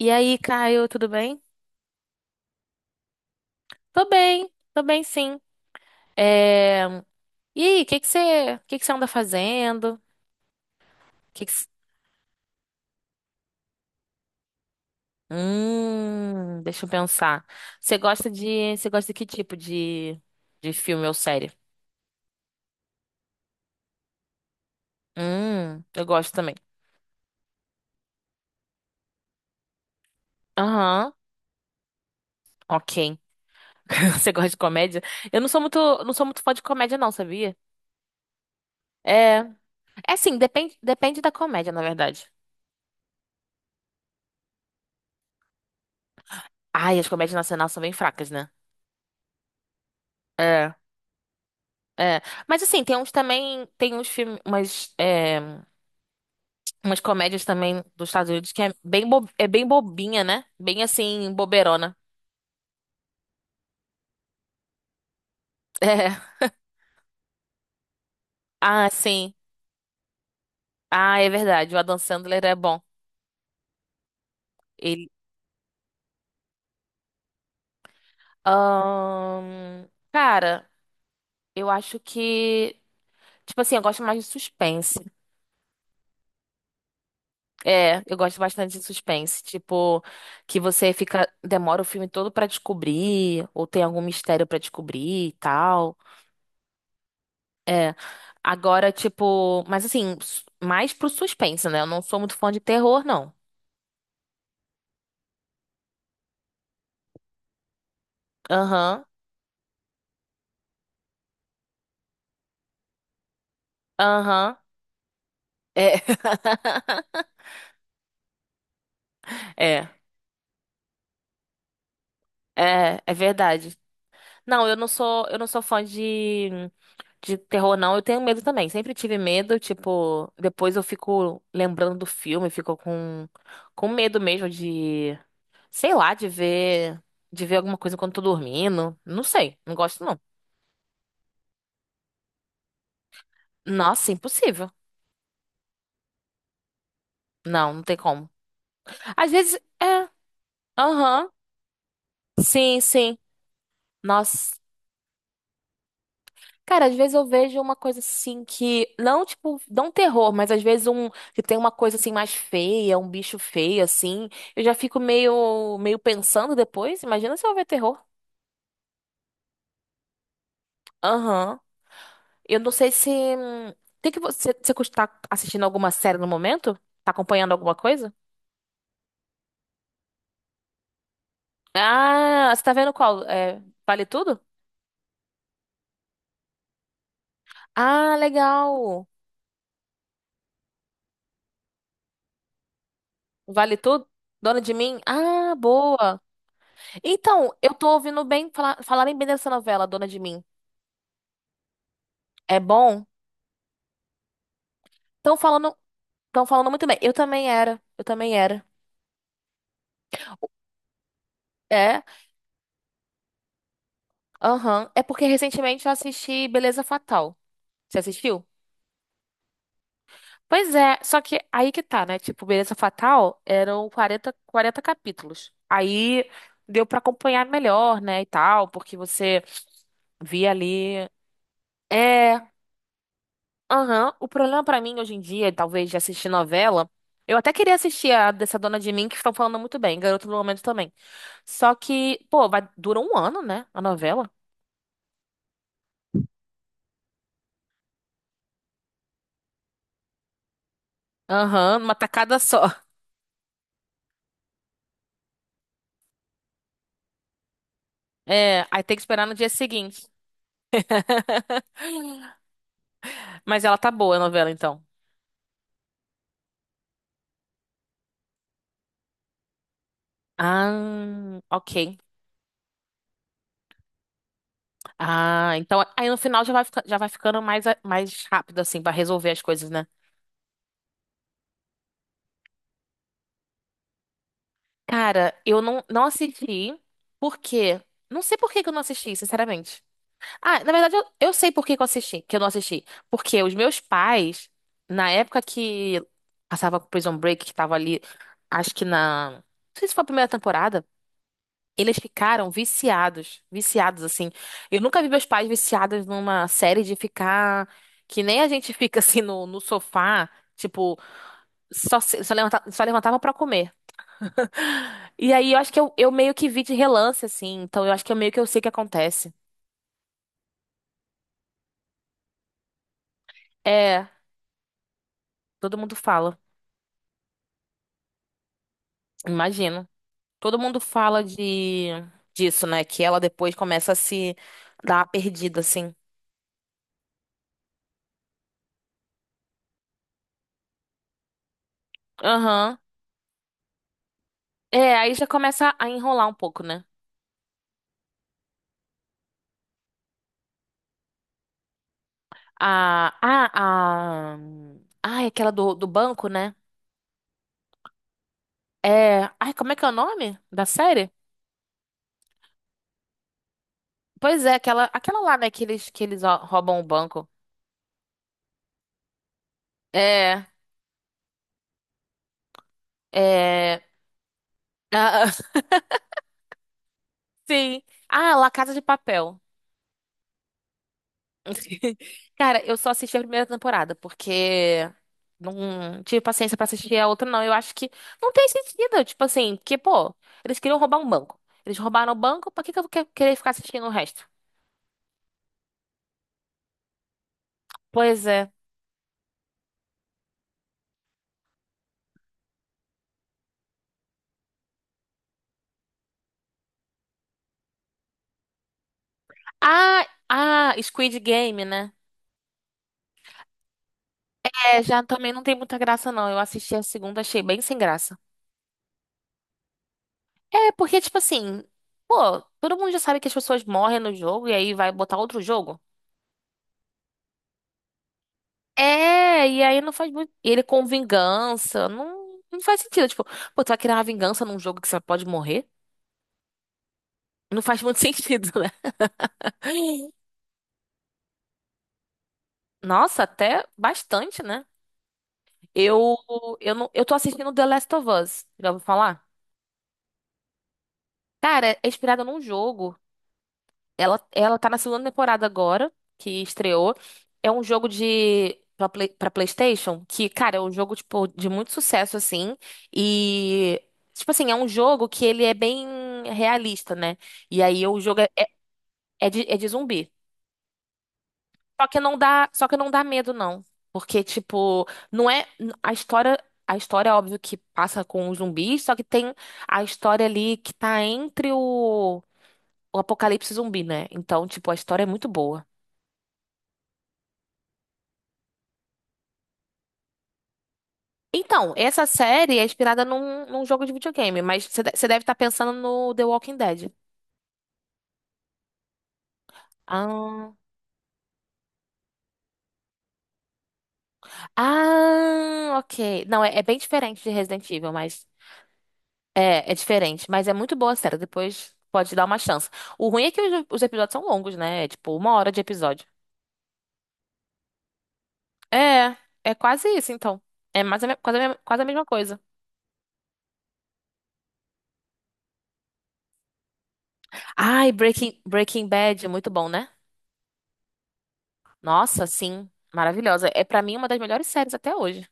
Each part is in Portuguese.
E aí, Caio, tudo bem? Tô bem, tô bem sim. É... E aí, o que que você anda fazendo? Que que... c- deixa eu pensar. Você gosta de que tipo de filme ou série? Eu gosto também. Aham, ok. Você gosta de comédia? Eu não sou muito, não sou muito fã de comédia não, sabia? É, é assim, depende da comédia, na verdade. Ai, as comédias nacionais são bem fracas, né? É. É, mas assim, tem uns filmes, umas comédias também dos Estados Unidos que é bem, é bem bobinha, né? Bem assim, boberona. É. Ah, sim. Ah, é verdade. O Adam Sandler é bom. Ele. Ahn, cara, eu acho que. Tipo assim, eu gosto mais de suspense. É, eu gosto bastante de suspense. Tipo, que você fica. Demora o filme todo pra descobrir, ou tem algum mistério pra descobrir e tal. É. Agora, tipo, mas assim, mais pro suspense, né? Eu não sou muito fã de terror, não. Aham, aham. É. É, é verdade. Eu não sou fã de terror, não. Eu tenho medo também. Sempre tive medo, tipo, depois eu fico lembrando do filme, com medo mesmo de, sei lá, de ver alguma coisa quando tô dormindo. Não sei, não gosto não. Nossa, impossível. Não, não tem como. Às vezes, é. Aham. Sim, sim. Nossa. Cara, às vezes eu vejo uma coisa assim que, não tipo, não terror, mas às vezes um que tem uma coisa assim mais feia, um bicho feio assim, eu já fico meio pensando depois, imagina se eu ver terror. Aham. Eu não sei se tem que você está assistindo alguma série no momento? Tá acompanhando alguma coisa? Ah, você tá vendo qual? É, Vale Tudo? Ah, legal. Vale Tudo? Dona de Mim? Ah, boa. Então, eu tô ouvindo bem falarem bem dessa novela, Dona de Mim. É bom? Estão falando, estão falando muito bem. Eu também era. É, aham. É porque recentemente eu assisti Beleza Fatal. Você assistiu? Pois é, só que aí que tá, né? Tipo, Beleza Fatal eram 40 40 capítulos. Aí deu pra acompanhar melhor, né, e tal, porque você via ali. É, aham. O problema pra mim hoje em dia, talvez de assistir novela, eu até queria assistir a dessa Dona de Mim, que estão falando muito bem, Garoto do Momento também. Só que, pô, vai, dura um ano, né, a novela? Aham, uma tacada só. É, aí tem que esperar no dia seguinte. Mas ela tá boa, a novela, então. Ah, ok. Ah, então aí no final já vai, já vai ficando mais, mais rápido, assim, pra resolver as coisas, né? Cara, eu não, não assisti, porque. Não sei por que que eu não assisti, sinceramente. Ah, na verdade, eu sei por que que eu assisti, que eu não assisti. Porque os meus pais, na época que passava com Prison Break, que tava ali, acho que na. Não sei se foi a primeira temporada, eles ficaram viciados. Viciados, assim. Eu nunca vi meus pais viciados numa série de ficar. Que nem a gente fica assim no, no sofá, tipo, só, se- só, levanta, só levantava pra comer. E aí eu acho que eu meio que vi de relance, assim. Então eu acho que eu meio que eu sei o que acontece. É, todo mundo fala. Imagino. Todo mundo fala de disso, né? Que ela depois começa a se dar a perdida, assim. Aham. É, aí já começa a enrolar um pouco, né? A. A. A. Ai, aquela do, do banco, né? É. Ai, como é que é o nome da série? Pois é, aquela lá, né? Que eles ó, roubam o banco. É. É. Ah, sim. Ah, La Casa de Papel. Cara, eu só assisti a primeira temporada, porque não tive paciência pra assistir a outra, não. Eu acho que não tem sentido, tipo assim, porque, pô, eles queriam roubar um banco. Eles roubaram o banco, pra que que eu vou querer ficar assistindo o resto? Pois é. Ah, ah, Squid Game, né? É, já também não tem muita graça, não. Eu assisti a segunda, achei bem sem graça. É, porque, tipo assim, pô, todo mundo já sabe que as pessoas morrem no jogo e aí vai botar outro jogo. É, e aí não faz muito. E ele com vingança. Não, não faz sentido. Tipo, pô, tu vai criar uma vingança num jogo que você pode morrer? Não faz muito sentido, né? Nossa, até bastante, né? Eu, não, eu tô assistindo The Last of Us. Já ouviu falar? Cara, é inspirado num jogo. Ela tá na segunda temporada agora, que estreou. É um jogo pra PlayStation, que, cara, é um jogo, tipo, de muito sucesso, assim. E, tipo assim, é um jogo que ele é bem realista, né? E aí o jogo é, é de zumbi. Só que não dá medo, não. Porque, tipo, não é. A história. A história é óbvio que passa com os zumbis, só que tem a história ali que tá entre o apocalipse zumbi, né? Então, tipo, a história é muito boa. Então, essa série é inspirada num jogo de videogame, mas você você deve estar pensando no The Walking Dead. Ah, ah, ok. Não, é bem diferente de Resident Evil, mas é diferente. Mas é muito boa a série. Depois pode dar uma chance. O ruim é que os episódios são longos, né? É tipo uma hora de episódio. É, é quase isso, então. É mais quase, quase a mesma coisa. Ai, Breaking Bad, muito bom, né? Nossa, sim, maravilhosa. É pra mim uma das melhores séries até hoje.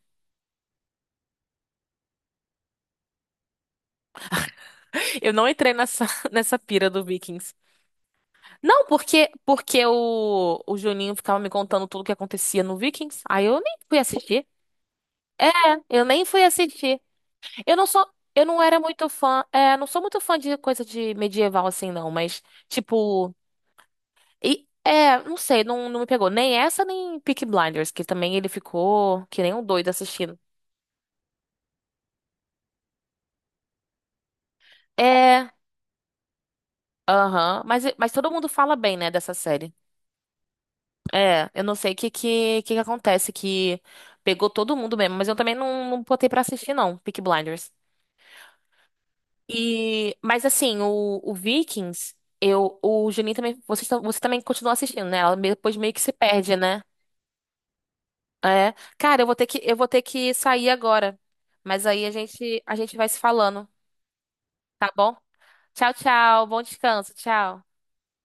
Eu não entrei nessa, nessa pira do Vikings. Não, porque o Juninho ficava me contando tudo o que acontecia no Vikings. Aí eu nem fui assistir. É, eu nem fui assistir. Eu não sou, eu não era muito fã, é, não sou muito fã de coisa de medieval assim não, mas tipo, não sei, não me pegou nem essa nem Peaky Blinders, que também ele ficou que nem um doido assistindo. É, aham, mas todo mundo fala bem, né, dessa série. É, eu não sei o que, que acontece, que pegou todo mundo mesmo, mas eu também não botei pra assistir, não, Peaky Blinders. E, mas assim, o Vikings, eu, o Juninho também, você também continua assistindo, né? Ela depois meio que se perde, né? É. Cara, eu vou ter que sair agora. Mas aí a gente vai se falando, tá bom? Tchau, tchau. Bom descanso. Tchau.